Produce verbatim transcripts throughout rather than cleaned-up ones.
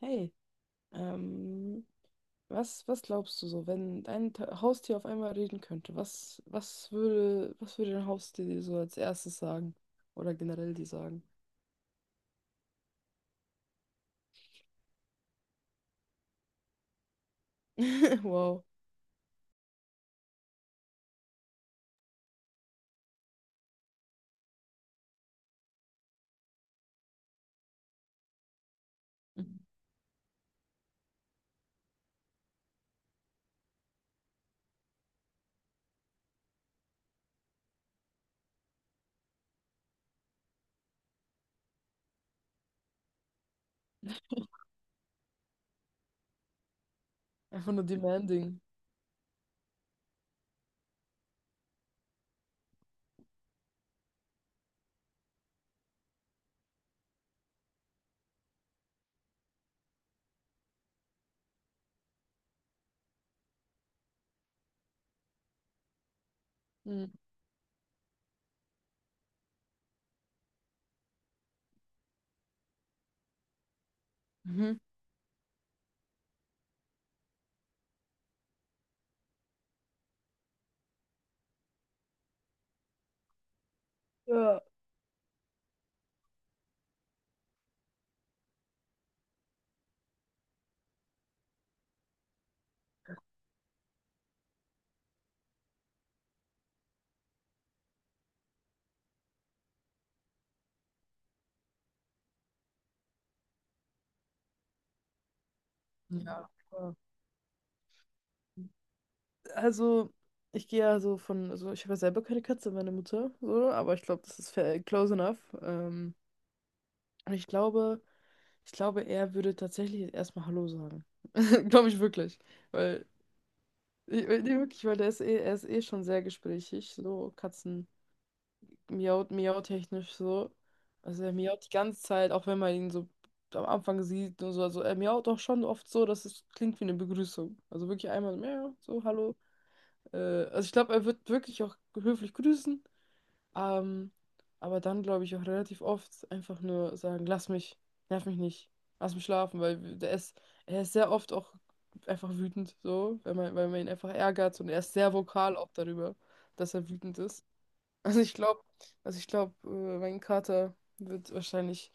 Hey, ähm, was, was glaubst du so, wenn dein Ta- Haustier auf einmal reden könnte, was, was würde, was würde dein Haustier dir so als erstes sagen? Oder generell dir sagen? Wow, mhm. Einfach nur demanding. Hm. Mhm. Ja, ja. Ja. also ich gehe ja so von, also ich habe ja selber keine Katze, meine Mutter, so, aber ich glaube, das ist fair- close enough. Ähm, und ich glaube, ich glaube, er würde tatsächlich erstmal Hallo sagen. Glaube ich wirklich. Weil Ich, äh, nee, wirklich, weil der ist eh, er ist eh schon sehr gesprächig, so Katzen miaut, miautechnisch so. Also er miaut die ganze Zeit, auch wenn man ihn so am Anfang sieht und so. Also er miaut auch schon oft so, dass es klingt wie eine Begrüßung. Also wirklich einmal so, miau, so hallo. Äh, also ich glaube, er wird wirklich auch höflich grüßen, ähm, aber dann glaube ich auch relativ oft einfach nur sagen, lass mich, nerv mich nicht, lass mich schlafen, weil der ist, er ist sehr oft auch einfach wütend, so, wenn man, weil man ihn einfach ärgert und er ist sehr vokal auch darüber, dass er wütend ist. Also ich glaube, also ich glaube, äh, mein Kater wird wahrscheinlich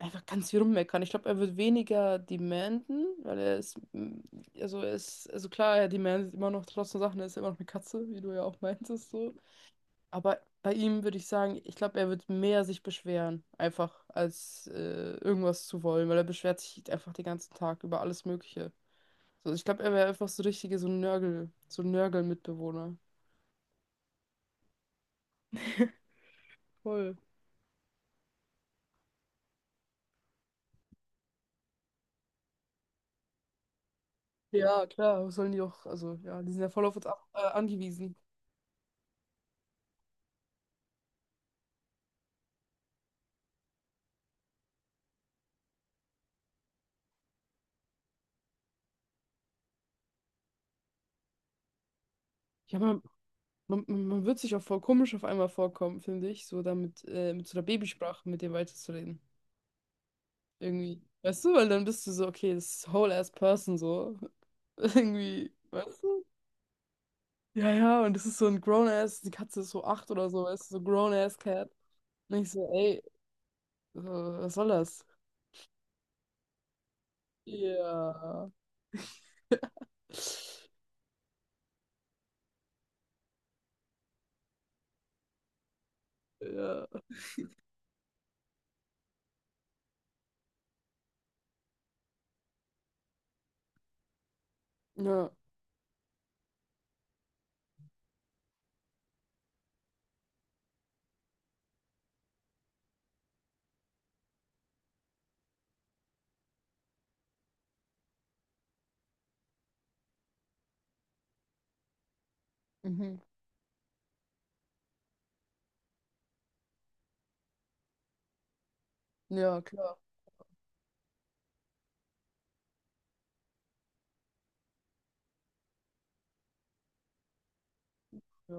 einfach ganz viel rummeckern. Ich glaube, er wird weniger demanden, weil er ist, mm, also er ist, also klar, er demandet immer noch trotzdem Sachen, er ist immer noch eine Katze, wie du ja auch meintest, so. Aber bei ihm würde ich sagen, ich glaube, er wird mehr sich beschweren, einfach, als äh, irgendwas zu wollen, weil er beschwert sich einfach den ganzen Tag über alles Mögliche. So, ich glaube, er wäre einfach so richtige, so ein Nörgel, so ein Nörgel-Mitbewohner. Voll. Ja, klar, was sollen die auch, also ja, die sind ja voll auf uns ab, äh, angewiesen. Ja, man, man, man wird sich auch voll komisch auf einmal vorkommen, finde ich, so damit, äh, mit so einer Babysprache mit dem weiterzureden. Irgendwie. Weißt du, weil dann bist du so, okay, das ist whole ass person so. Irgendwie, weißt du? Ja, ja, und es ist so ein Grown-Ass, die Katze ist so acht oder so, ist so Grown-Ass-Cat. Und ich so, ey, so, was soll das? Ja. Ja. Ja, mhm. Ja, klar. Ja.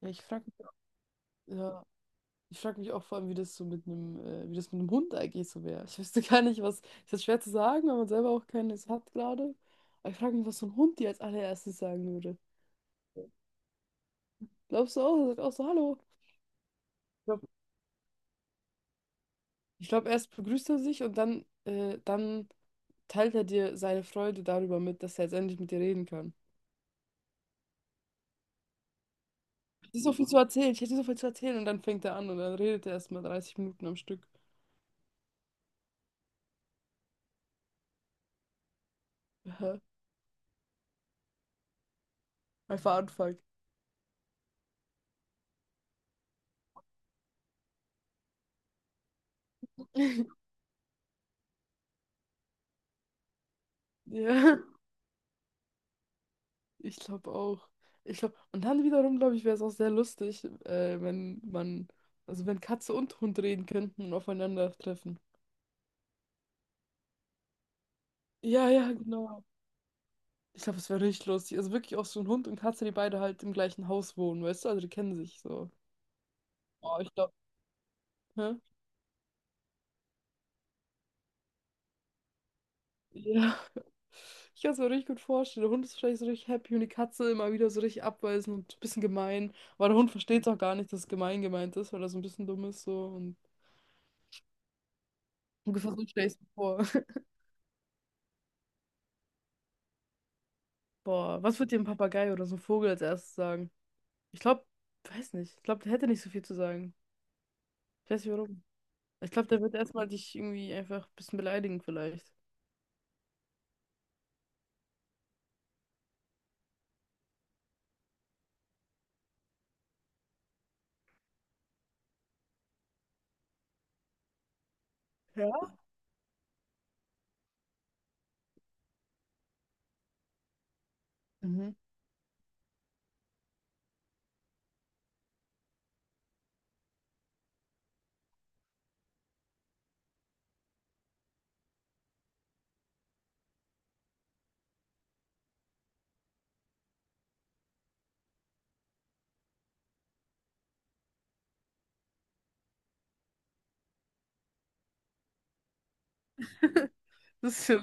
Ja, ich frage mich, ja, ich frag mich auch vor allem, wie das so mit einem, äh, wie das mit einem Hund eigentlich so wäre. Ich wüsste gar nicht, was. Ist das schwer zu sagen, wenn man selber auch keines hat gerade. Aber ich frage mich, was so ein Hund dir als allererstes sagen würde. Glaubst du auch? Er sagt auch so, hallo. Ich glaube, glaub, ich glaub, erst begrüßt er sich und dann, äh, dann teilt er dir seine Freude darüber mit, dass er jetzt endlich mit dir reden kann. Ich hätte so viel zu erzählen, ich hätte so viel zu erzählen und dann fängt er an und dann redet er erstmal dreißig Minuten am Stück. Ja, einfach anfangen. Ja, ich glaube auch. Ich glaube, und dann wiederum, glaube ich, wäre es auch sehr lustig, äh, wenn man, also wenn Katze und Hund reden könnten und aufeinandertreffen. Ja, ja, genau. Ich glaube, es wäre richtig lustig. Also wirklich auch so ein Hund und Katze, die beide halt im gleichen Haus wohnen, weißt du? Also die kennen sich so. Oh, ich glaube, hä? Ja. Ich kann es mir richtig gut vorstellen. Der Hund ist wahrscheinlich so richtig happy und die Katze immer wieder so richtig abweisend und ein bisschen gemein. Aber der Hund versteht auch gar nicht, dass es gemein gemeint ist, weil er so ein bisschen dumm ist so und ungefähr so stell ich es mir vor. Boah, was wird dir ein Papagei oder so ein Vogel als erstes sagen? Ich glaube, weiß nicht. Ich glaube, der hätte nicht so viel zu sagen. Ich weiß nicht warum. Ich glaube, der wird erstmal dich irgendwie einfach ein bisschen beleidigen vielleicht. Ja? Mhm. Das ist ja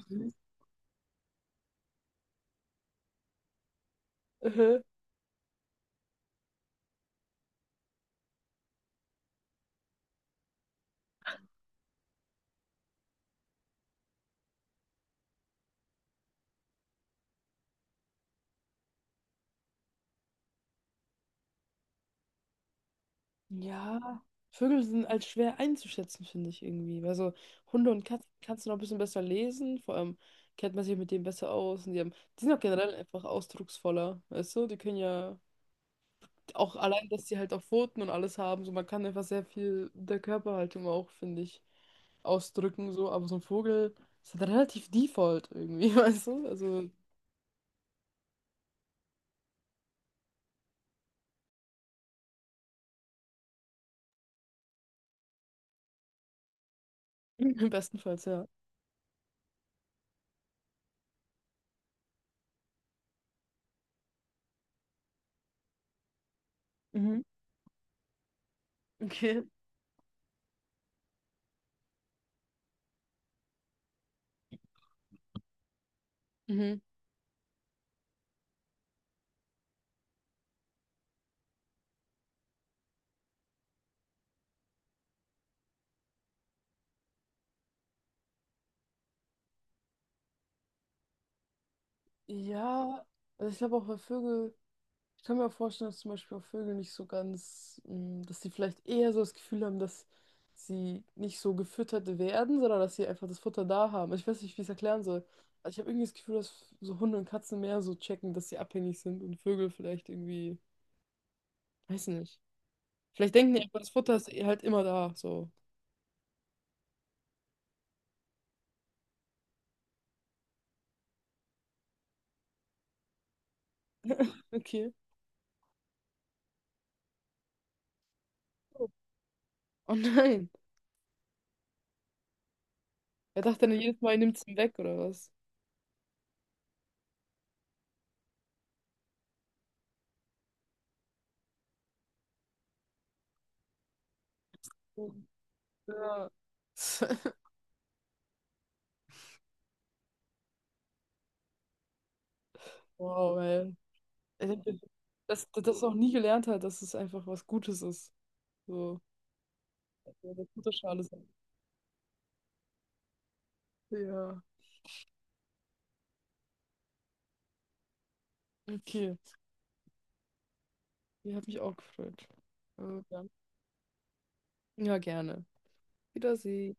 süß. Ja, Vögel sind als schwer einzuschätzen, finde ich irgendwie. Weil so Hunde und Katzen kannst du noch ein bisschen besser lesen, vor allem kennt man sich mit denen besser aus und die haben, die sind auch generell einfach ausdrucksvoller, weißt du? Die können ja auch allein, dass die halt auch Pfoten und alles haben, so man kann einfach sehr viel mit der Körperhaltung auch, finde ich, ausdrücken, so, aber so ein Vogel ist halt relativ default irgendwie, weißt du? Also bestenfalls, ja. Mhm. Okay. Mhm. Ja, also ich glaube auch bei Vögel. Ich kann mir auch vorstellen, dass zum Beispiel auch Vögel nicht so ganz, mh, dass sie vielleicht eher so das Gefühl haben, dass sie nicht so gefüttert werden, sondern dass sie einfach das Futter da haben. Ich weiß nicht, wie ich es erklären soll. Also ich habe irgendwie das Gefühl, dass so Hunde und Katzen mehr so checken, dass sie abhängig sind und Vögel vielleicht irgendwie, weiß nicht. Vielleicht denken die einfach, das Futter ist eh halt immer da. So, okay. Oh nein. Er dachte dann jedes Mal, er nimmt es ihm weg oder was? Ja. Wow, ey. Ich hab das, das, das noch nie gelernt hat, dass es einfach was Gutes ist. So, ja, das gute Schale sein. Ja, okay. Die hat mich auch gefreut. Äh, Ja, Ja, gerne. Wiedersehen.